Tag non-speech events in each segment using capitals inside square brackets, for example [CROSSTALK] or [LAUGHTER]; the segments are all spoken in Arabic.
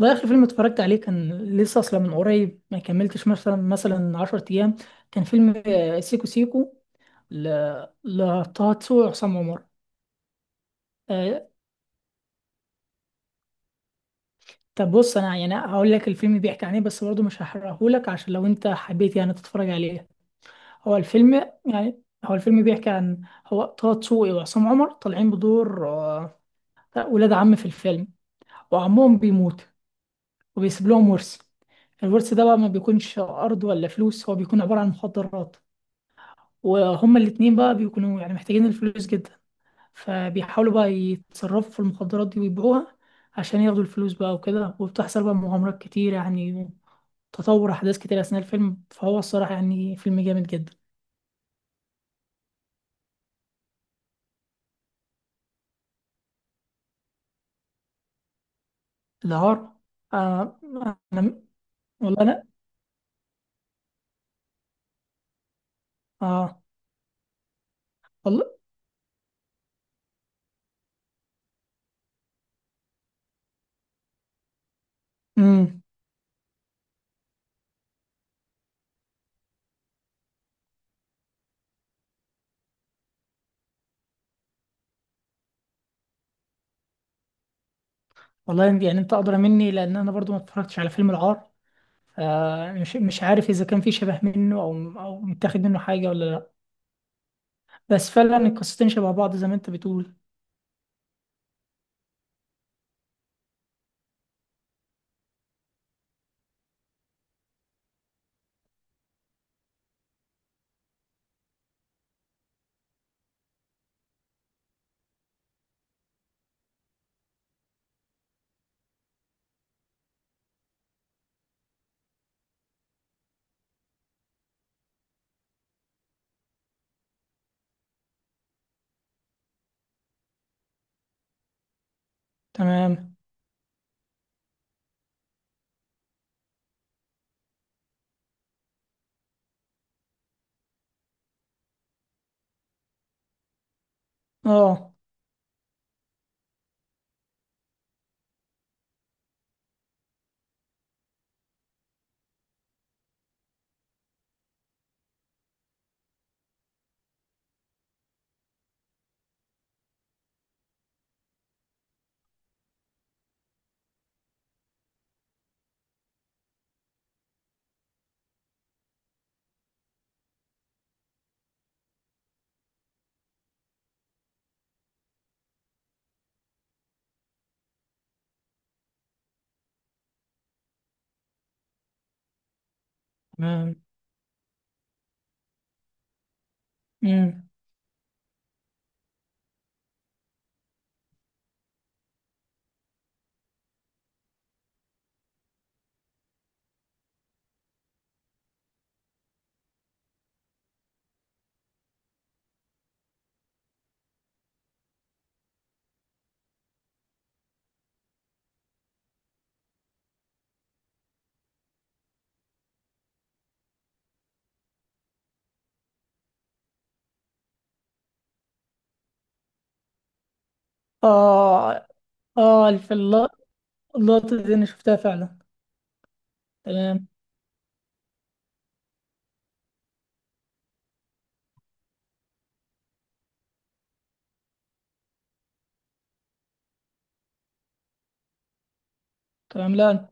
والله آخر فيلم اتفرجت عليه كان لسه أصلا من قريب، ما كملتش مثلا 10 أيام. كان فيلم سيكو سيكو، ل... لطه دسوقي وعصام عمر. آه. طب بص، أنا يعني هقول لك الفيلم بيحكي عن إيه، بس برضه مش هحرقهولك عشان لو أنت حبيت يعني تتفرج عليه. هو الفيلم هو الفيلم بيحكي عن، هو طه دسوقي وعصام عمر طالعين بدور ولاد عم في الفيلم، وعمهم بيموت وبيسيب لهم ورث. الورث ده بقى ما بيكونش أرض ولا فلوس، هو بيكون عبارة عن مخدرات. وهما الاتنين بقى بيكونوا يعني محتاجين الفلوس جدا، فبيحاولوا بقى يتصرفوا في المخدرات دي ويبيعوها عشان ياخدوا الفلوس بقى وكده. وبتحصل بقى مغامرات كتير يعني، تطور أحداث كتير أثناء الفيلم، فهو الصراحة يعني فيلم جامد جدا. العار. آه. أنا والله أنا. آه، والله. امم. والله يعني أنت أدرى مني، لأن أنا برضو ما اتفرجتش على فيلم العار. آه، مش عارف إذا كان في شبه منه، أو متاخد منه حاجة ولا لأ. بس فعلا القصتين شبه بعض زي ما أنت بتقول. تمام. اه. تمام. امم. اه. اه في الل- اللقطة دي انا شفتها فعلا. تمام. تمام، لا.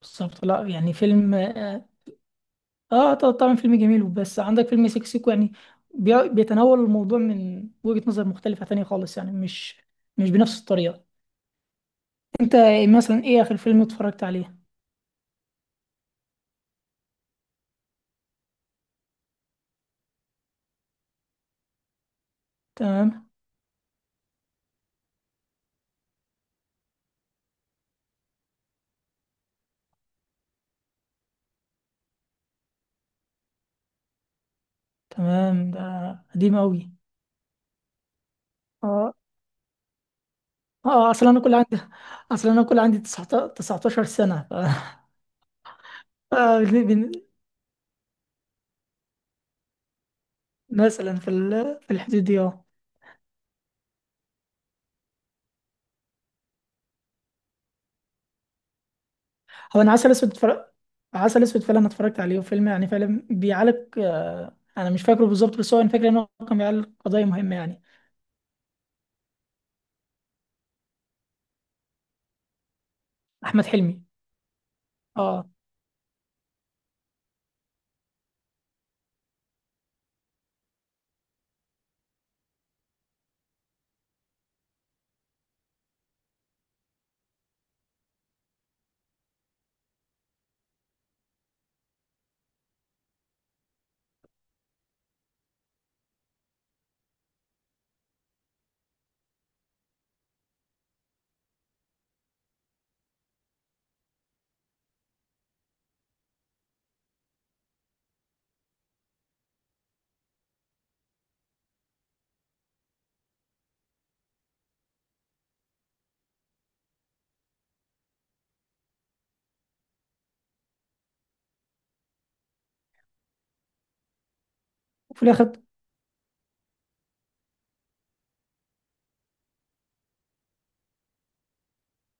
بالظبط، لا يعني فيلم اه. طبعا فيلم جميل، بس عندك فيلم سيكسيكو، يعني بيتناول الموضوع من وجهة نظر مختلفة تانية خالص، يعني مش بنفس الطريقة. انت، مثلا، ايه اخر فيلم اتفرجت عليه؟ تمام. تمام، ده قديم قوي. اه. اه اصلا انا كل عندي اصلا انا كل عندي 19 سنة. ف... [LAUGHS] مثلا في الحدود دي، اه. هو انا عسل اسود اتفرج عسل اسود فعلا اتفرجت عليه، وفيلم يعني فعلا بيعالج. انا مش فاكره بالظبط، بس هو انا فاكر ان هو كان بيعالج قضيه مهمه يعني. احمد حلمي. اه. وفي الاخر.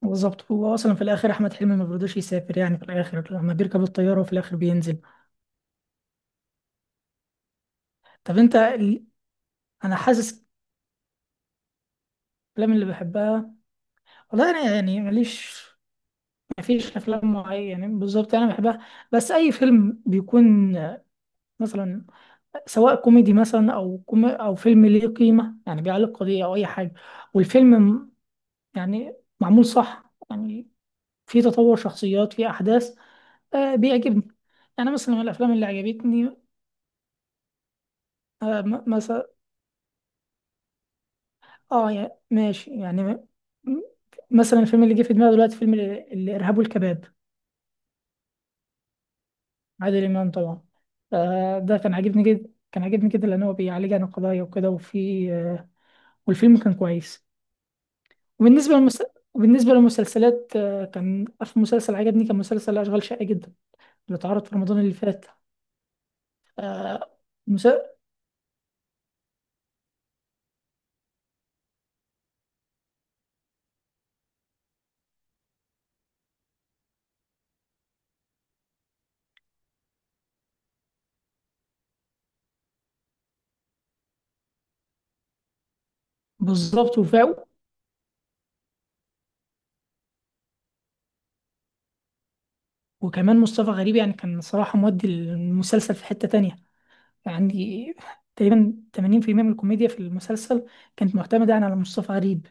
بالظبط، هو اصلا في الاخر احمد حلمي ما بيرضاش يسافر، يعني في الاخر لما بيركب الطياره، وفي الاخر بينزل. طب انت ال- انا حاسس، الافلام اللي بحبها، والله انا يعني ماليش. مفيش افلام معينه بالظبط انا بحبها، بس اي فيلم بيكون مثلا، سواء كوميدي مثلا او فيلم ليه قيمه، يعني بيعلق قضيه او اي حاجه. والفيلم م- يعني، معمول صح يعني، في تطور شخصيات، في احداث، آه بيعجبني. يعني، مثلا، من الافلام اللي عجبتني، مثلا، اه يعني ماشي يعني م- مثلا الفيلم اللي جه في دماغي دلوقتي، فيلم الارهاب والكباب. عادل امام طبعا. آه، ده كان عاجبني جدا، كان عاجبني جدا، لان هو بيعالج عن القضايا وكده، وفي والفيلم كان كويس. وبالنسبة للمس... وبالنسبة للمسلسلات، كان في مسلسل عجبني، كان مسلسل أشغال شاقة جدا، اللي اتعرض في رمضان اللي فات. آه، مس... بالظبط، وفاء. وكمان مصطفى غريب، يعني كان صراحة مودي المسلسل في حتة تانية يعني. [LAUGHS] تقريبا 80% من الكوميديا في المسلسل كانت معتمدة يعني على مصطفى غريب.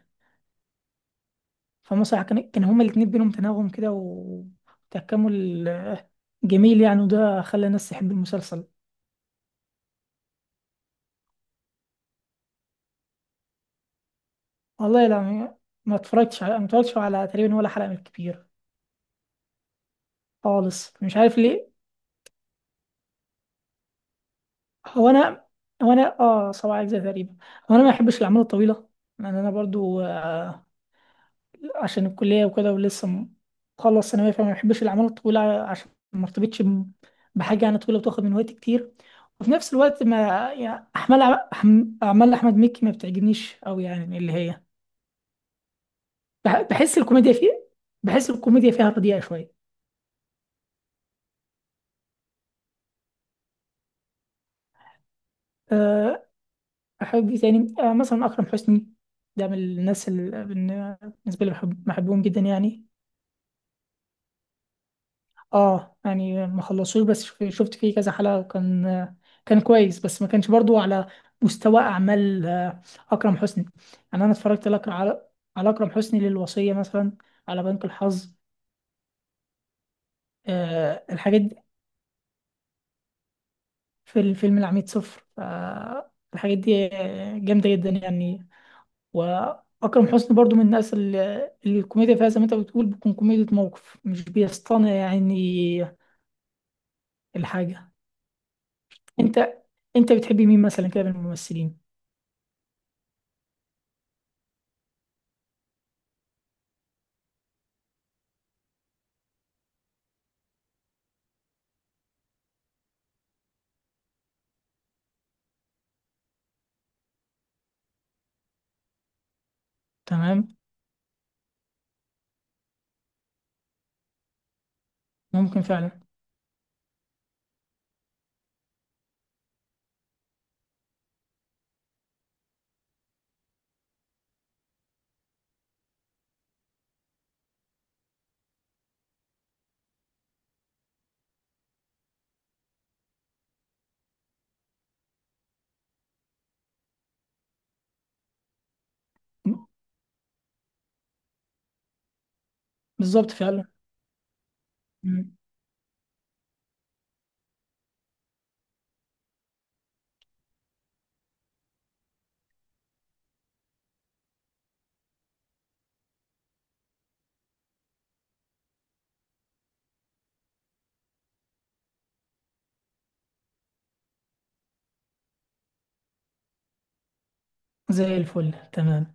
فمسرح كان هما الاتنين بينهم تناغم كده، وتكامل جميل يعني، وده خلى الناس تحب المسلسل. والله لا، ما اتفرجتش على تقريبا ولا حلقة من الكبير، خالص. مش عارف ليه. هو انا هو انا اه سبع اجزاء تقريبا. هو انا ما بحبش الاعمال الطويله، لان انا برضو آه، عشان الكليه وكده، ولسه مخلص ثانويه، فما بحبش الاعمال الطويله عشان ما ارتبطش بحاجه يعني طويله، وتاخد من وقتي كتير. وفي نفس الوقت ما، يعني اعمال، أح- اعمال احمد مكي ما بتعجبنيش قوي يعني، اللي هي بح- بحس الكوميديا فيه بحس الكوميديا فيها رديئه شويه. آه، أحب إيه تاني؟ مثلا أكرم حسني. ده من الناس اللي بالنسبة لي بحبهم جدا يعني. آه، يعني ما خلصوش، بس شفت فيه كذا حلقة، كان كان كويس، بس ما كانش برضو على مستوى أعمال أكرم حسني. يعني أنا اتفرجت لك على أكرم حسني للوصية مثلا، على بنك الحظ، آه الحاجات دي. في الفيلم العميد صفر، آه الحاجات دي جامدة جدا يعني. واكرم حسني برضو من الناس اللي الكوميديا فيها زي ما انت بتقول بتكون كوميديا موقف، مش بيصطنع يعني الحاجه. انت انت بتحبي مين مثلا كده من الممثلين؟ تمام. ممكن فعلا. بالظبط فعلا. مم. زي الفل، تمام.